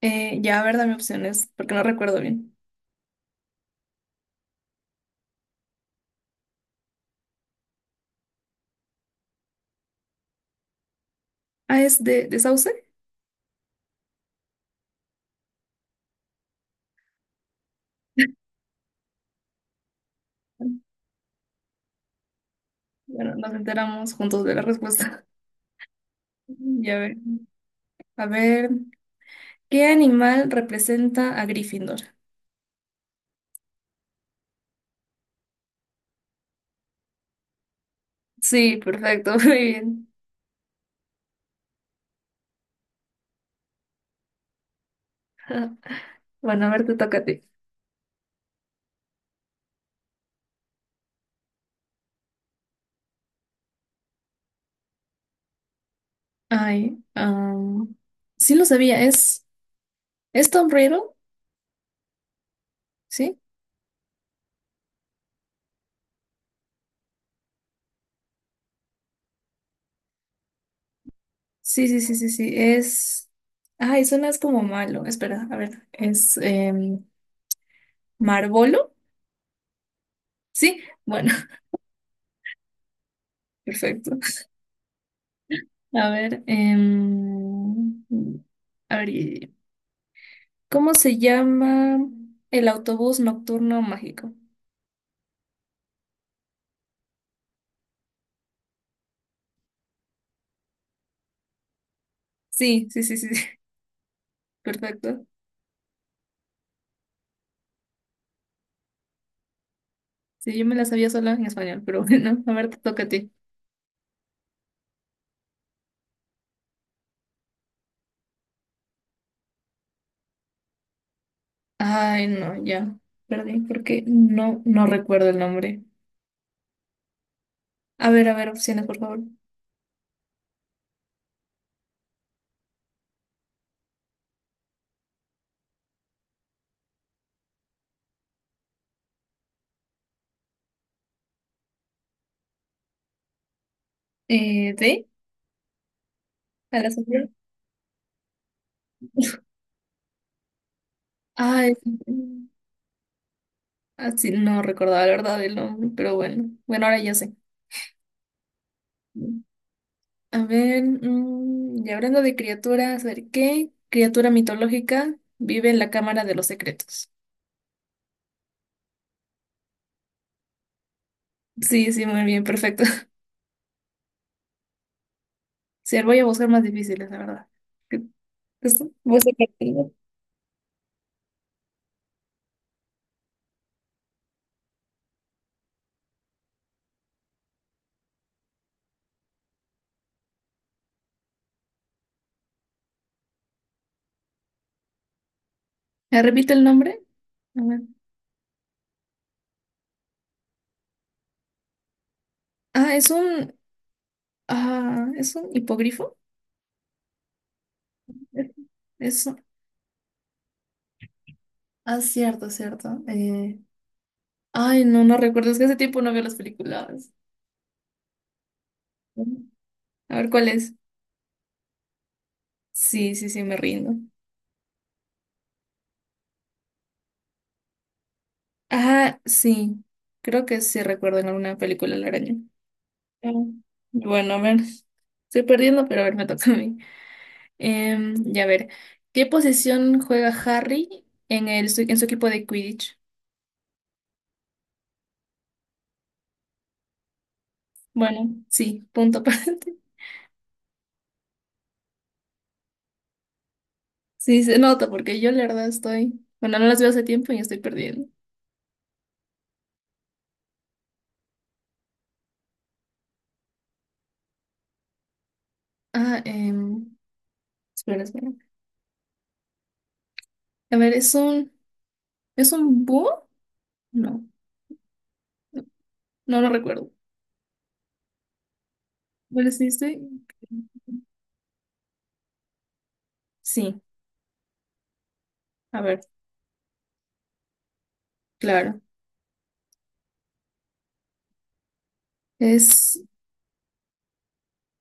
Ya, a ver, dame opciones, porque no recuerdo bien. Ah, ¿es de Sauce? Bueno, nos enteramos juntos de la respuesta. Ya ver. A ver, ¿qué animal representa a Gryffindor? Sí, perfecto, muy bien. Bueno, a ver, te toca a ti. Ay, am, sí lo sabía, es Tom Riddle, ¿sí? Sí, sí, sí, sí, sí, es... Ay, suena es como malo, espera, a ver, Marvolo, ¿sí? Bueno, perfecto. A ver, em, a ver, ¿cómo se llama el autobús nocturno mágico? Sí, sí, sí, sí, sí, perfecto. Sí, yo me la sabía sola en español, pero bueno, a ver, te toca a ti. Ay, no, ya, perdí, porque no recuerdo el nombre. A ver, opciones, por favor. ¿De? ¿A la sombra? Ay, así no recordaba la verdad el nombre, pero bueno, bueno, ahora ya sé. Y hablando de criaturas, a ver, ¿qué criatura mitológica vive en la Cámara de los Secretos? Sí, sí, muy bien, perfecto. Sí, voy a buscar más difíciles, la verdad. ¿Qué- qué Voy a sacar primero. ¿Me repite el nombre? A ver. Ah, es un, ah, es un hipogrifo. Es, es un- ah, cierto, cierto. No, recuerdo, es que hace tiempo no veo las películas. A ver, ¿cuál es? Sí, sí, sí, me rindo. Ah, sí, creo que sí recuerdo en alguna película la araña. Ah, bueno, a ver, estoy perdiendo, pero a ver, me toca a mí. Em, ya a ver, ¿Qué posición juega Harry en en su equipo de Quidditch? Bueno, sí, punto para ti. Sí, se nota porque yo la verdad estoy, bueno, no las veo hace tiempo y estoy perdiendo. Ah, em, espera, espera. A ver, ¿es un búho? No, no lo recuerdo. Bueno, sí, estoy- Sí, a ver, claro. Es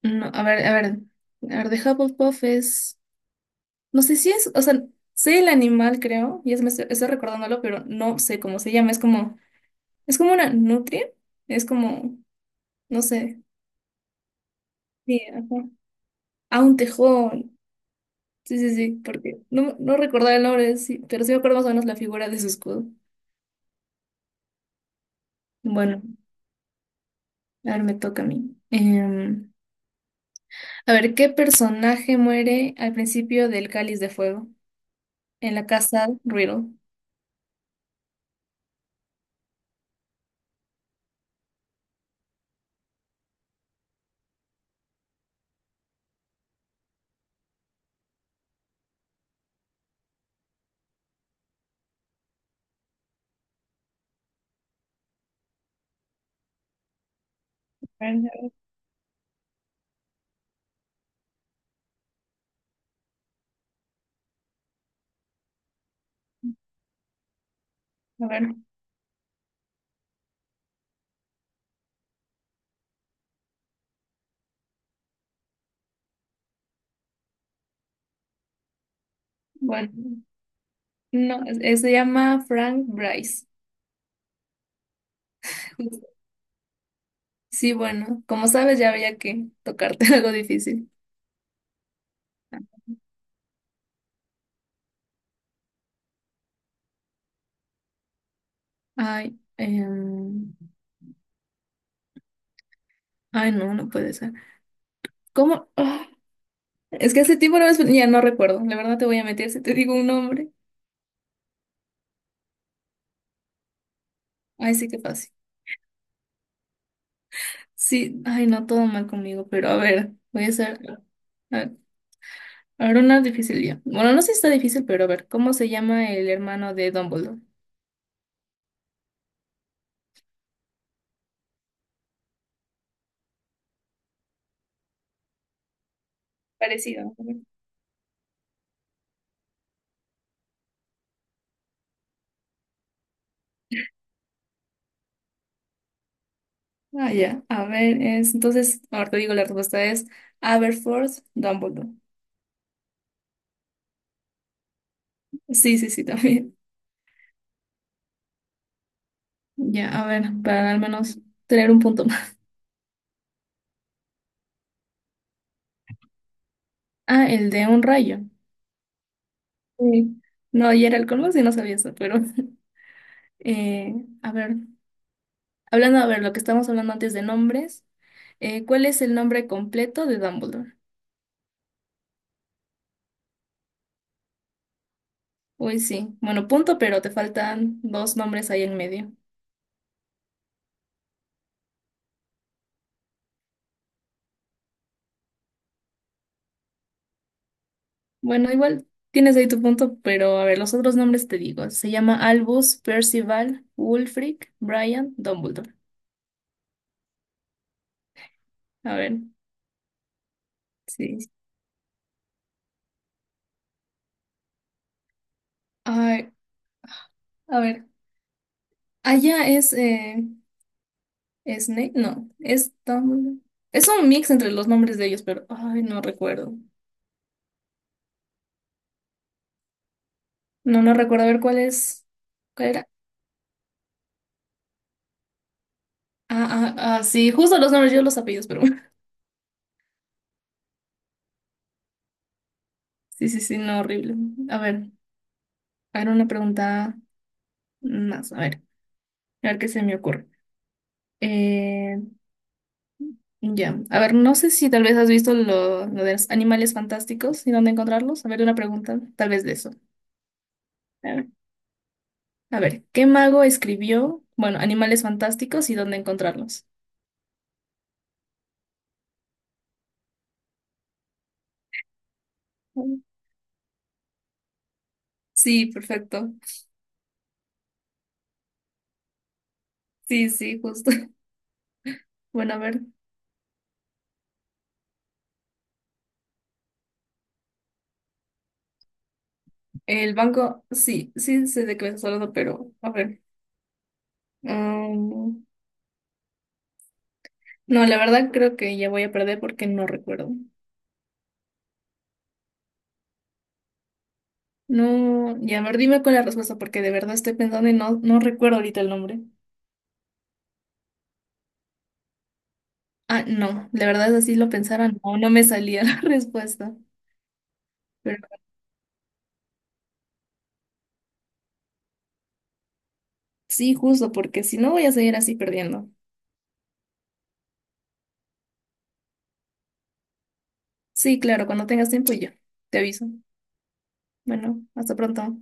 No, a ver, a ver, a ver, de Hufflepuff es, no sé si es, o sea, sé el animal, creo, y es, me estoy, estoy recordándolo, pero no sé cómo se llama, es como una nutria, es como, no sé, sí, ajá. Ah, un tejón, sí, sí, sí, porque no, no recordaba el nombre, sí, pero sí me acuerdo más o menos la figura de su escudo. Bueno, a ver, me toca a mí. A ver, ¿qué personaje muere al principio del Cáliz de Fuego en la casa Riddle? A ver, a ver, bueno. No, es- se llama Frank Bryce. Sí, bueno, como sabes, ya había que tocarte algo difícil. Ay, em, ay, no, no puede ser. ¿Cómo? Ah, es que hace tiempo no ves- ya no recuerdo. La verdad te voy a meter si te digo un nombre. Ay, sí, qué fácil. Sí, ay, no, todo mal conmigo, pero a ver, voy a hacer. A a ver, una difícil ya. Bueno, no sé si está difícil, pero a ver, ¿cómo se llama el hermano de Dumbledore? Parecido. Ah, ya. A ver, es. Entonces, ahora te digo, la respuesta es Aberforth Dumbledore. Sí, sí, sí, también. Ya, a ver, para al menos tener un punto más. Ah, el de un rayo. Sí. No, y era el colmo, sí, no sabía eso, pero. eh, a ver, hablando, a ver, lo que estábamos hablando antes de nombres, ¿cuál es el nombre completo de Dumbledore? Uy, sí. Bueno, punto, pero te faltan dos nombres ahí en medio. Bueno, igual tienes ahí tu punto, pero a ver, los otros nombres te digo. Se llama Albus, Percival, Wulfric, Brian, Dumbledore. A ver, sí. Ay, a ver, allá es Snape, no, es Dumbledore. Es un mix entre los nombres de ellos, pero ay, no recuerdo. No, no recuerdo. A ver, ¿cuál es? ¿Cuál era? Ah, ah, ah, sí, justo los nombres, yo los apellidos, pero sí, sí, sí, no, horrible. A ver, a ver, una pregunta más, a ver qué se me ocurre. Eh, Ya. A ver, no sé si tal vez has visto lo de los animales fantásticos y dónde encontrarlos. A ver, una pregunta, tal vez de eso. A ver, a ver, ¿qué mago escribió, bueno, animales fantásticos y dónde encontrarlos? Sí, perfecto. Sí, sí, justo. Bueno, a ver, el banco, sí, sí sé de qué me estás hablando, pero a ver. Mm, no, la verdad creo que ya voy a perder porque no recuerdo. No, ya, a ver, dime con la respuesta porque de verdad estoy pensando y no, no recuerdo ahorita el nombre. Ah, no, la verdad así lo pensara, no, no me salía la respuesta. Pero sí, justo, porque si no voy a seguir así perdiendo. Sí, claro, cuando tengas tiempo yo te aviso. Bueno, hasta pronto.